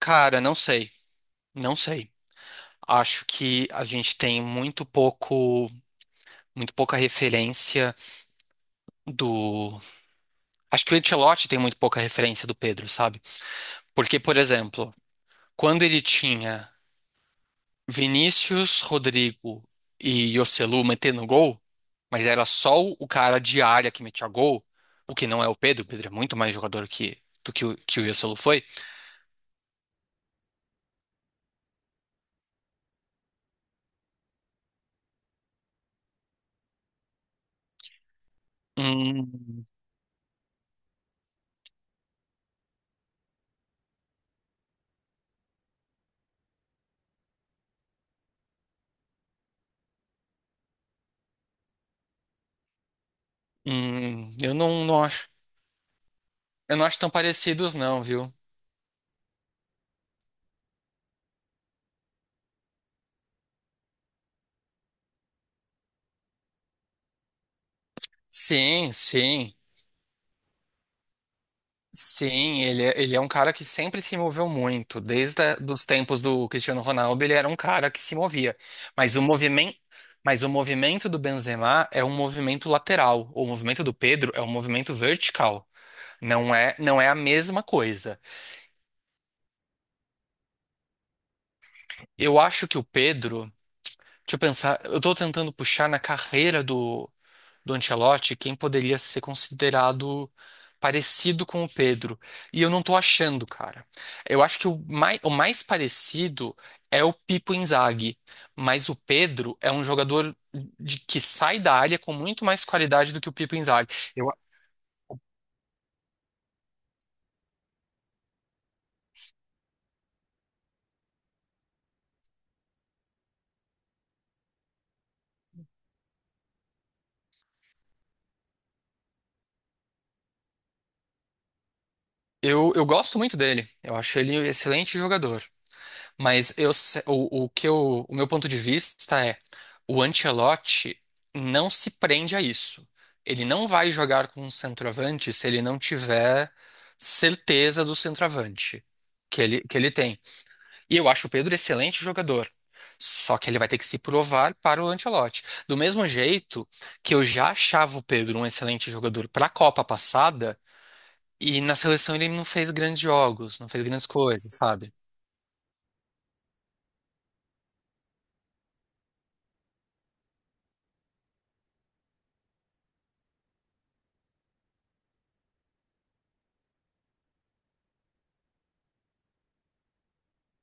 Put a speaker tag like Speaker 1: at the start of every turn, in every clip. Speaker 1: Cara, não sei, não sei. Acho que a gente tem muito pouco, muito pouca referência do. Acho que o Ancelotti tem muito pouca referência do Pedro, sabe? Porque, por exemplo, quando ele tinha Vinícius, Rodrigo e Joselu metendo gol, mas era só o cara de área que metia gol, o que não é o Pedro é muito mais jogador do que o Joselu foi. Hum, eu não acho, eu não acho tão parecidos, não, viu? Sim, sim, sim. Ele é um cara que sempre se moveu muito. Desde dos tempos do Cristiano Ronaldo, ele era um cara que se movia. Mas o movimento, mas o movimento do Benzema é um movimento lateral. O movimento do Pedro é um movimento vertical. Não é a mesma coisa. Eu acho que o Pedro, deixa eu pensar, eu tô tentando puxar na carreira do Ancelotti quem poderia ser considerado parecido com o Pedro. E eu não tô achando, cara. Eu acho que o mais parecido é o Pipo Inzaghi, mas o Pedro é um jogador que sai da área com muito mais qualidade do que o Pipo Inzaghi. Eu, eu gosto muito dele. Eu acho ele um excelente jogador. Mas eu, se- o que eu, o meu ponto de vista é: o Ancelotti não se prende a isso. Ele não vai jogar com um centroavante se ele não tiver certeza do centroavante que ele tem. E eu acho o Pedro excelente jogador. Só que ele vai ter que se provar para o Ancelotti. Do mesmo jeito que eu já achava o Pedro um excelente jogador para a Copa passada, e na seleção ele não fez grandes jogos, não fez grandes coisas, sabe?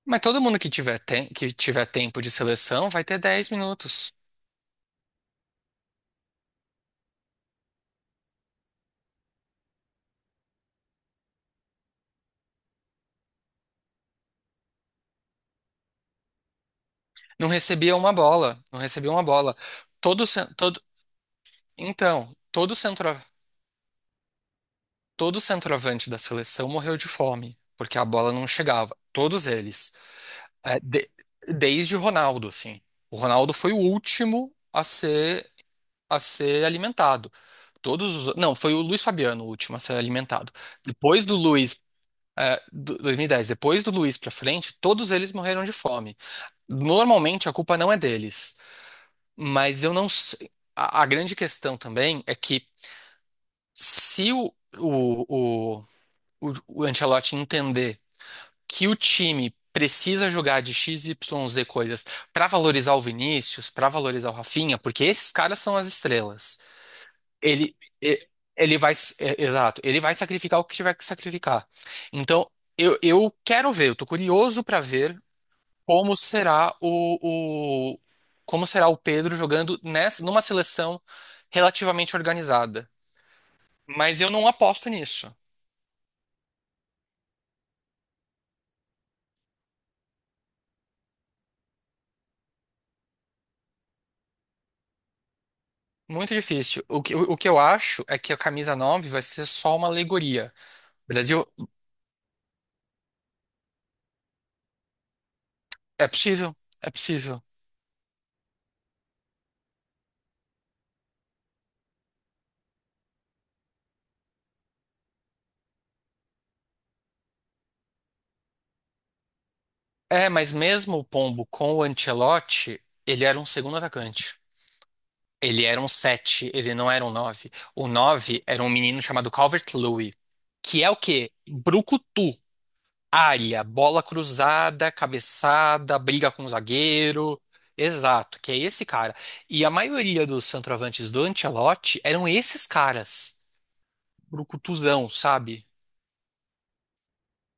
Speaker 1: Mas todo mundo que tiver tempo de seleção vai ter 10 minutos. Não recebia uma bola, não recebia uma bola. Todo, cen- todo, então, todo centroavante da seleção morreu de fome, porque a bola não chegava. Todos eles. É, desde o Ronaldo, assim. O Ronaldo foi o último a ser alimentado. Todos os, não, foi o Luiz Fabiano o último a ser alimentado. Depois do Luiz, 2010, depois do Luiz pra frente, todos eles morreram de fome. Normalmente a culpa não é deles, mas eu não sei. A grande questão também é que, se o, o, o, o, o Ancelotti entender que o time precisa jogar de X XYZ coisas para valorizar o Vinícius, para valorizar o Rafinha, porque esses caras são as estrelas. Ele, e- ele vai, s- É, exato, ele vai sacrificar o que tiver que sacrificar. Então, eu quero ver, eu tô curioso para ver como será o, o- como será o Pedro jogando nessa, numa seleção relativamente organizada. Mas eu não aposto nisso. Muito difícil. O que eu acho é que a camisa 9 vai ser só uma alegoria. Brasil, é possível, é possível. É, mas mesmo o Pombo com o Ancelotti, ele era um segundo atacante. Ele era um 7. Ele não era um 9. O 9 era um menino chamado Calvert-Lewin, que é o quê? Brucutu. Área, bola cruzada, cabeçada, briga com o zagueiro. Exato, que é esse cara. E a maioria dos centroavantes do Ancelotti eram esses caras, brucutuzão, sabe?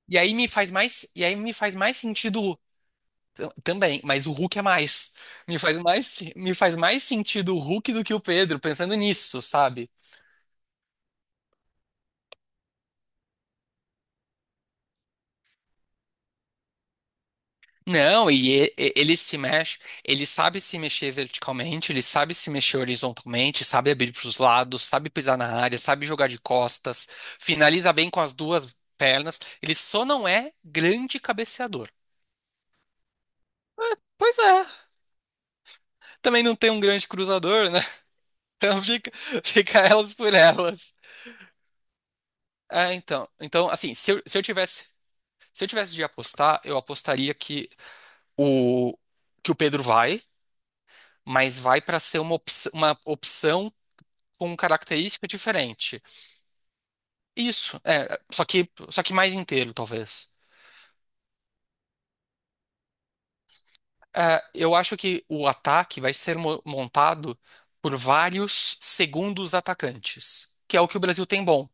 Speaker 1: E aí me faz mais, e aí me faz mais, sentido também, mas o Hulk é mais. Me faz mais sentido o Hulk do que o Pedro, pensando nisso, sabe? Não, ele se mexe, ele sabe se mexer verticalmente, ele sabe se mexer horizontalmente, sabe abrir para os lados, sabe pisar na área, sabe jogar de costas, finaliza bem com as duas pernas. Ele só não é grande cabeceador. Pois é, também não tem um grande cruzador, né? Então fica elas por elas. É, então assim, se eu tivesse de apostar, eu apostaria o que o Pedro vai, mas vai para ser uma opção com característica diferente. Isso, é, só que mais inteiro, talvez. É, eu acho que o ataque vai ser montado por vários segundos atacantes, que é o que o Brasil tem bom.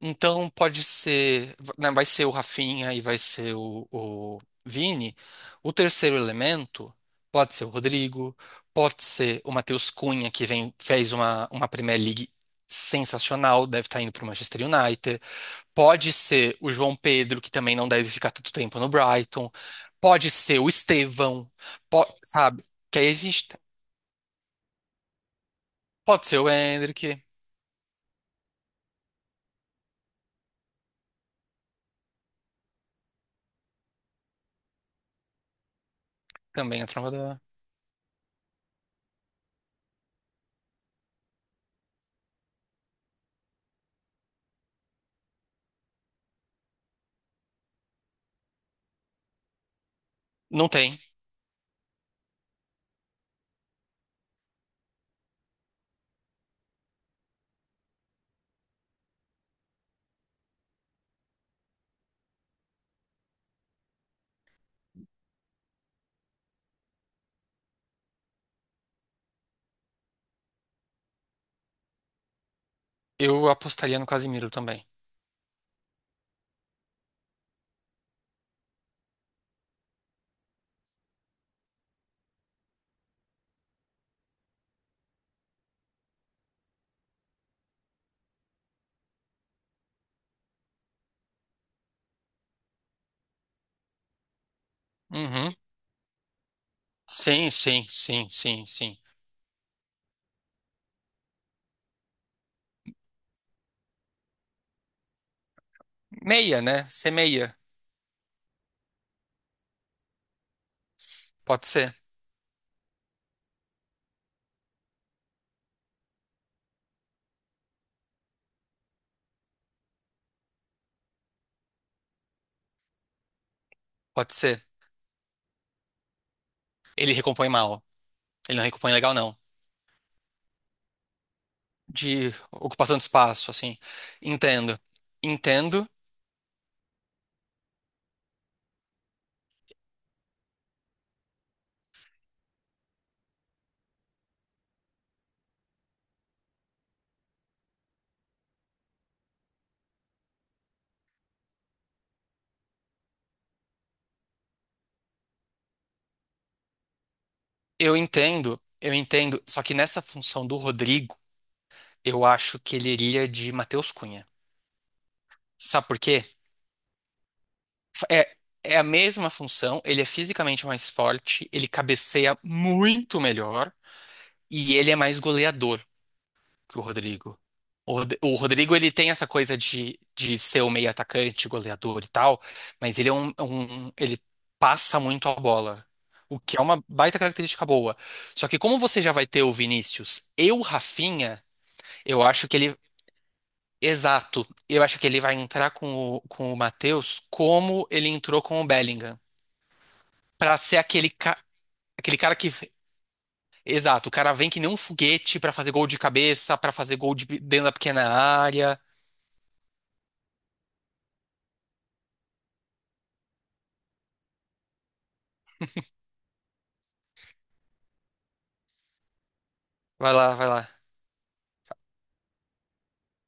Speaker 1: Então pode ser, né, vai ser o Rafinha e vai ser o Vini. O terceiro elemento pode ser o Rodrigo, pode ser o Matheus Cunha, que vem, fez uma Premier League sensacional, deve estar indo para o Manchester United. Pode ser o João Pedro, que também não deve ficar tanto tempo no Brighton. Pode ser o Estevão, sabe? Que aí a gente tem- Pode ser o Endrick, também é trovador. Não tem. Eu apostaria no Casimiro também. Uhum. Sim, sim, sim, sim, sim. Meia, né? Ser meia. Pode ser, pode ser. Ele recompõe mal. Ele não recompõe legal, não. De ocupação de espaço, assim. Entendo. Entendo. Eu entendo, eu entendo. Só que nessa função do Rodrigo, eu acho que ele iria de Matheus Cunha. Sabe por quê? É, é a mesma função, ele é fisicamente mais forte, ele cabeceia muito melhor e ele é mais goleador que o Rodrigo. O Rodrigo, ele tem essa coisa de, ser o meio atacante, goleador e tal, mas ele é um- ele passa muito a bola. O que é uma baita característica boa. Só que, como você já vai ter o Vinícius e o Rafinha, eu acho que ele. Exato. Eu acho que ele vai entrar com o, Matheus como ele entrou com o Bellingham. Pra ser aquele cara que. Exato, o cara vem que nem um foguete pra fazer gol de cabeça, pra fazer gol de dentro da pequena área. Vai lá, vai lá.